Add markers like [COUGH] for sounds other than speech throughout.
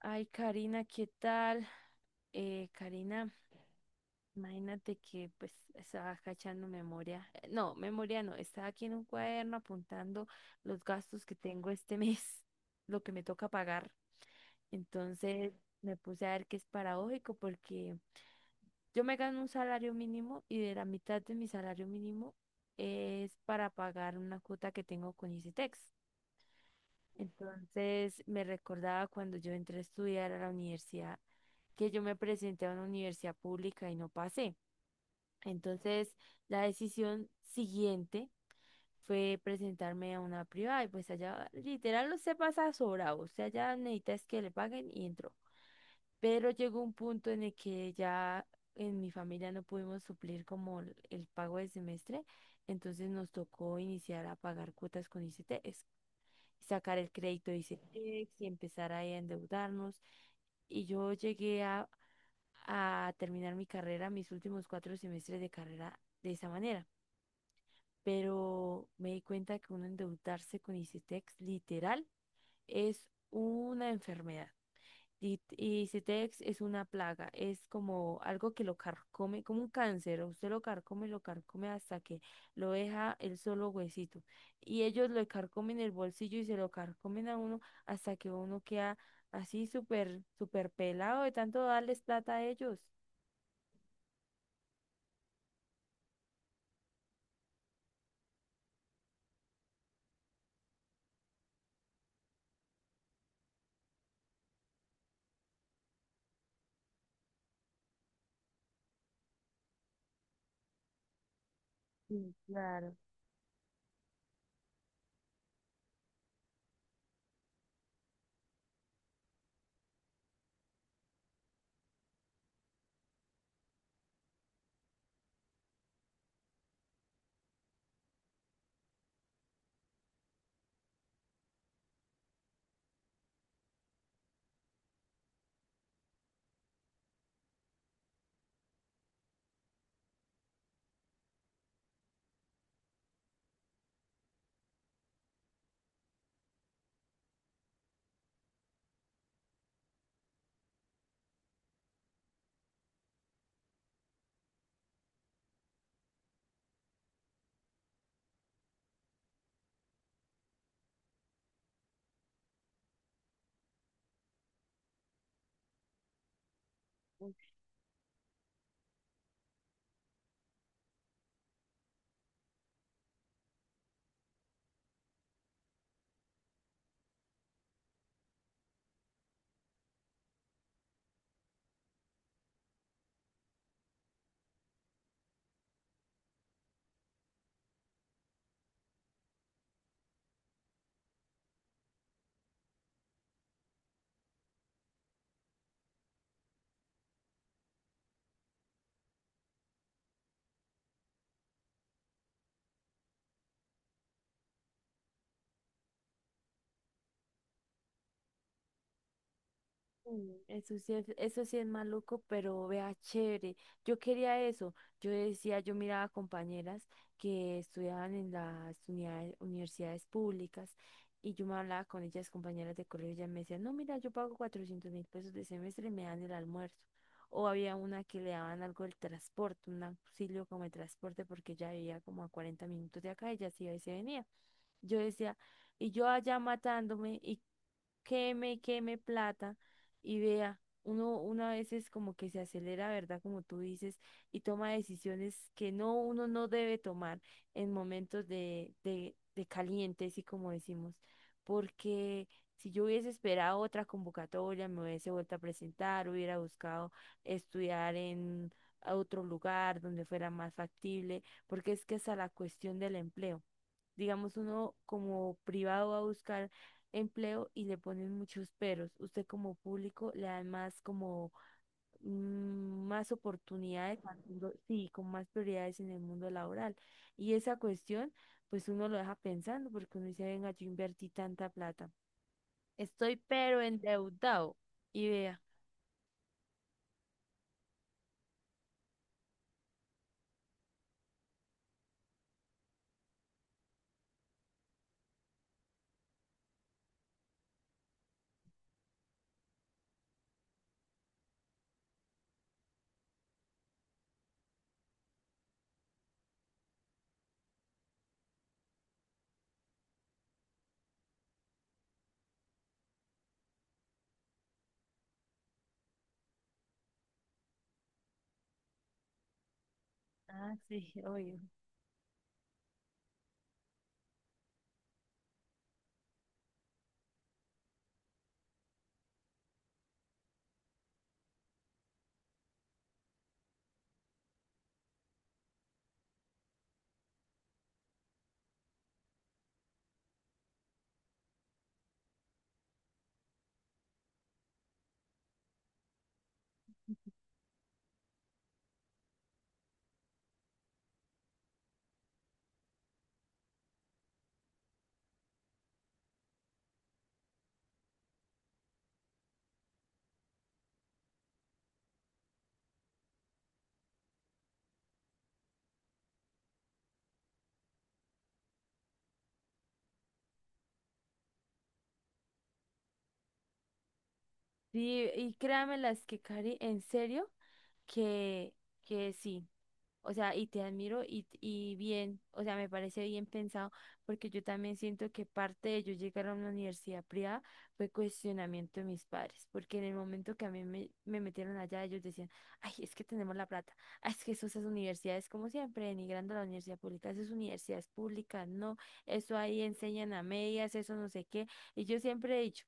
Ay, Karina, ¿qué tal? Karina, imagínate que pues estaba cachando memoria, no, memoria no, estaba aquí en un cuaderno apuntando los gastos que tengo este [LAUGHS] mes, lo que me toca pagar. Entonces me puse a ver que es paradójico porque yo me gano un salario mínimo y de la mitad de mi salario mínimo es para pagar una cuota que tengo con Icitex. Entonces me recordaba cuando yo entré a estudiar a la universidad que yo me presenté a una universidad pública y no pasé. Entonces la decisión siguiente fue presentarme a una privada y pues allá literal usted pasa sobrado, usted allá necesitas que le paguen y entró. Pero llegó un punto en el que ya en mi familia no pudimos suplir como el pago del semestre, entonces nos tocó iniciar a pagar cuotas con ICT, sacar el crédito de Icetex y empezar ahí a endeudarnos. Y yo llegué a terminar mi carrera, mis últimos cuatro semestres de carrera de esa manera. Pero me di cuenta que uno endeudarse con Icetex literal es una enfermedad. Y Citex es una plaga, es como algo que lo carcome, como un cáncer, usted lo carcome hasta que lo deja el solo huesito. Y ellos lo carcomen el bolsillo y se lo carcomen a uno hasta que uno queda así súper, súper pelado de tanto darles plata a ellos. Sí, claro. Mm, eso sí es, eso sí es maluco, pero vea, chévere. Yo quería eso. Yo decía, yo miraba compañeras que estudiaban en las universidades públicas y yo me hablaba con ellas, compañeras de colegio, y ellas me decían, no, mira, yo pago 400.000 pesos de semestre y me dan el almuerzo. O había una que le daban algo del transporte, un auxilio como el transporte, porque ella vivía como a 40 minutos de acá, ella se iba y se venía. Yo decía, y yo allá matándome y queme plata y vea, uno a veces como que se acelera, ¿verdad? Como tú dices, y toma decisiones que no, uno no debe tomar en momentos de calientes, y como decimos, porque si yo hubiese esperado otra convocatoria, me hubiese vuelto a presentar, hubiera buscado estudiar en a otro lugar donde fuera más factible, porque es que esa es la cuestión del empleo. Digamos, uno como privado va a buscar empleo y le ponen muchos peros. Usted como público le dan más como más oportunidades, sí, con más prioridades en el mundo laboral. Y esa cuestión, pues uno lo deja pensando porque uno dice, venga, yo invertí tanta plata. Estoy pero endeudado. Y vea. Ah, sí, obvio. Sí, y créanme las que, Cari, en serio, que, que sí. O sea, y te admiro y bien, o sea, me parece bien pensado, porque yo también siento que parte de yo llegar a una universidad privada fue cuestionamiento de mis padres, porque en el momento que a me metieron allá, ellos decían, ay, es que tenemos la plata, ay, es que eso, esas universidades, como siempre, denigrando a la universidad pública, esas universidades públicas, no, eso ahí enseñan a medias, eso no sé qué, y yo siempre he dicho,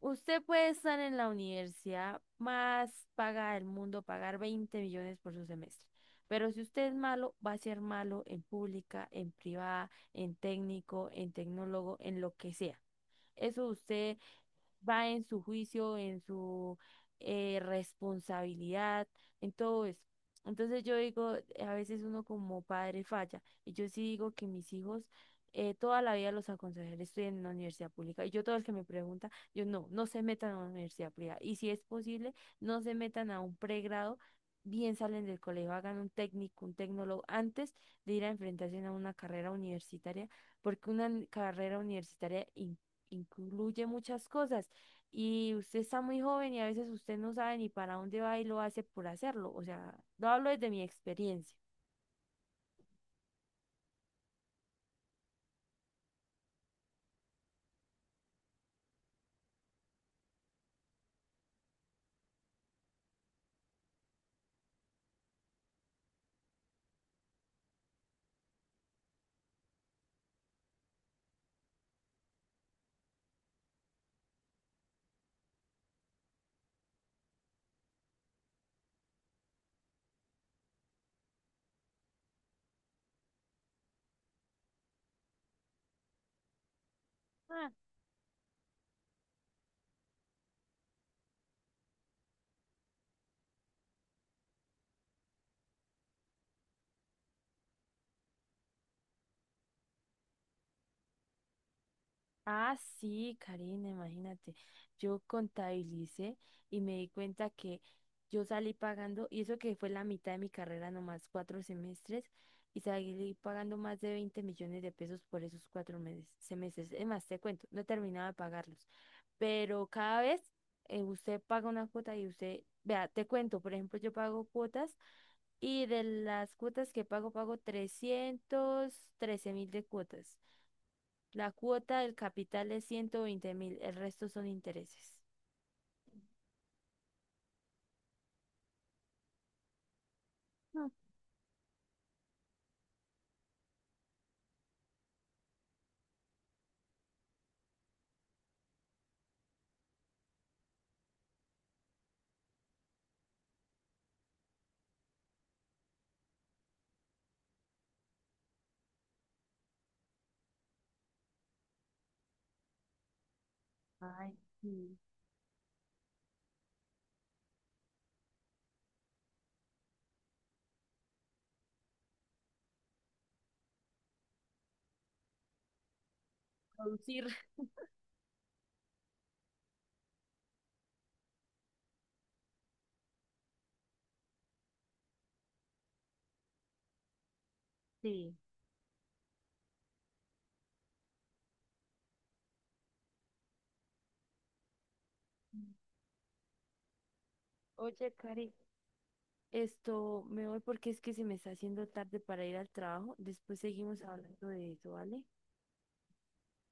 usted puede estar en la universidad más paga del mundo, pagar 20 millones por su semestre. Pero si usted es malo, va a ser malo en pública, en privada, en técnico, en tecnólogo, en lo que sea. Eso usted va en su juicio, en su responsabilidad, en todo eso. Entonces yo digo, a veces uno como padre falla. Y yo sí digo que mis hijos toda la vida los aconsejaré, estoy en una universidad pública. Y yo todo el que me pregunta, yo no, no se metan a una universidad privada. Y si es posible, no se metan a un pregrado. Bien salen del colegio, hagan un técnico, un tecnólogo, antes de ir a enfrentarse a una carrera universitaria, porque una carrera universitaria incluye muchas cosas. Y usted está muy joven y a veces usted no sabe ni para dónde va y lo hace por hacerlo. O sea, lo hablo desde mi experiencia. Ah, Ah, sí, Karina, imagínate. Yo contabilicé y me di cuenta que yo salí pagando, y eso que fue la mitad de mi carrera, nomás cuatro semestres, y salí pagando más de 20 millones de pesos por esos cuatro meses, semestres. Es más, te cuento, no terminaba de pagarlos. Pero cada vez usted paga una cuota y usted, vea, te cuento, por ejemplo, yo pago cuotas. Y de las cuotas que pago, pago 313.000 de cuotas. La cuota del capital es 120.000, el resto son intereses. Mm. Ay, sí. Producir. Sí. Oye, Cari, esto, me voy porque es que se me está haciendo tarde para ir al trabajo. Después seguimos hablando de eso, ¿vale?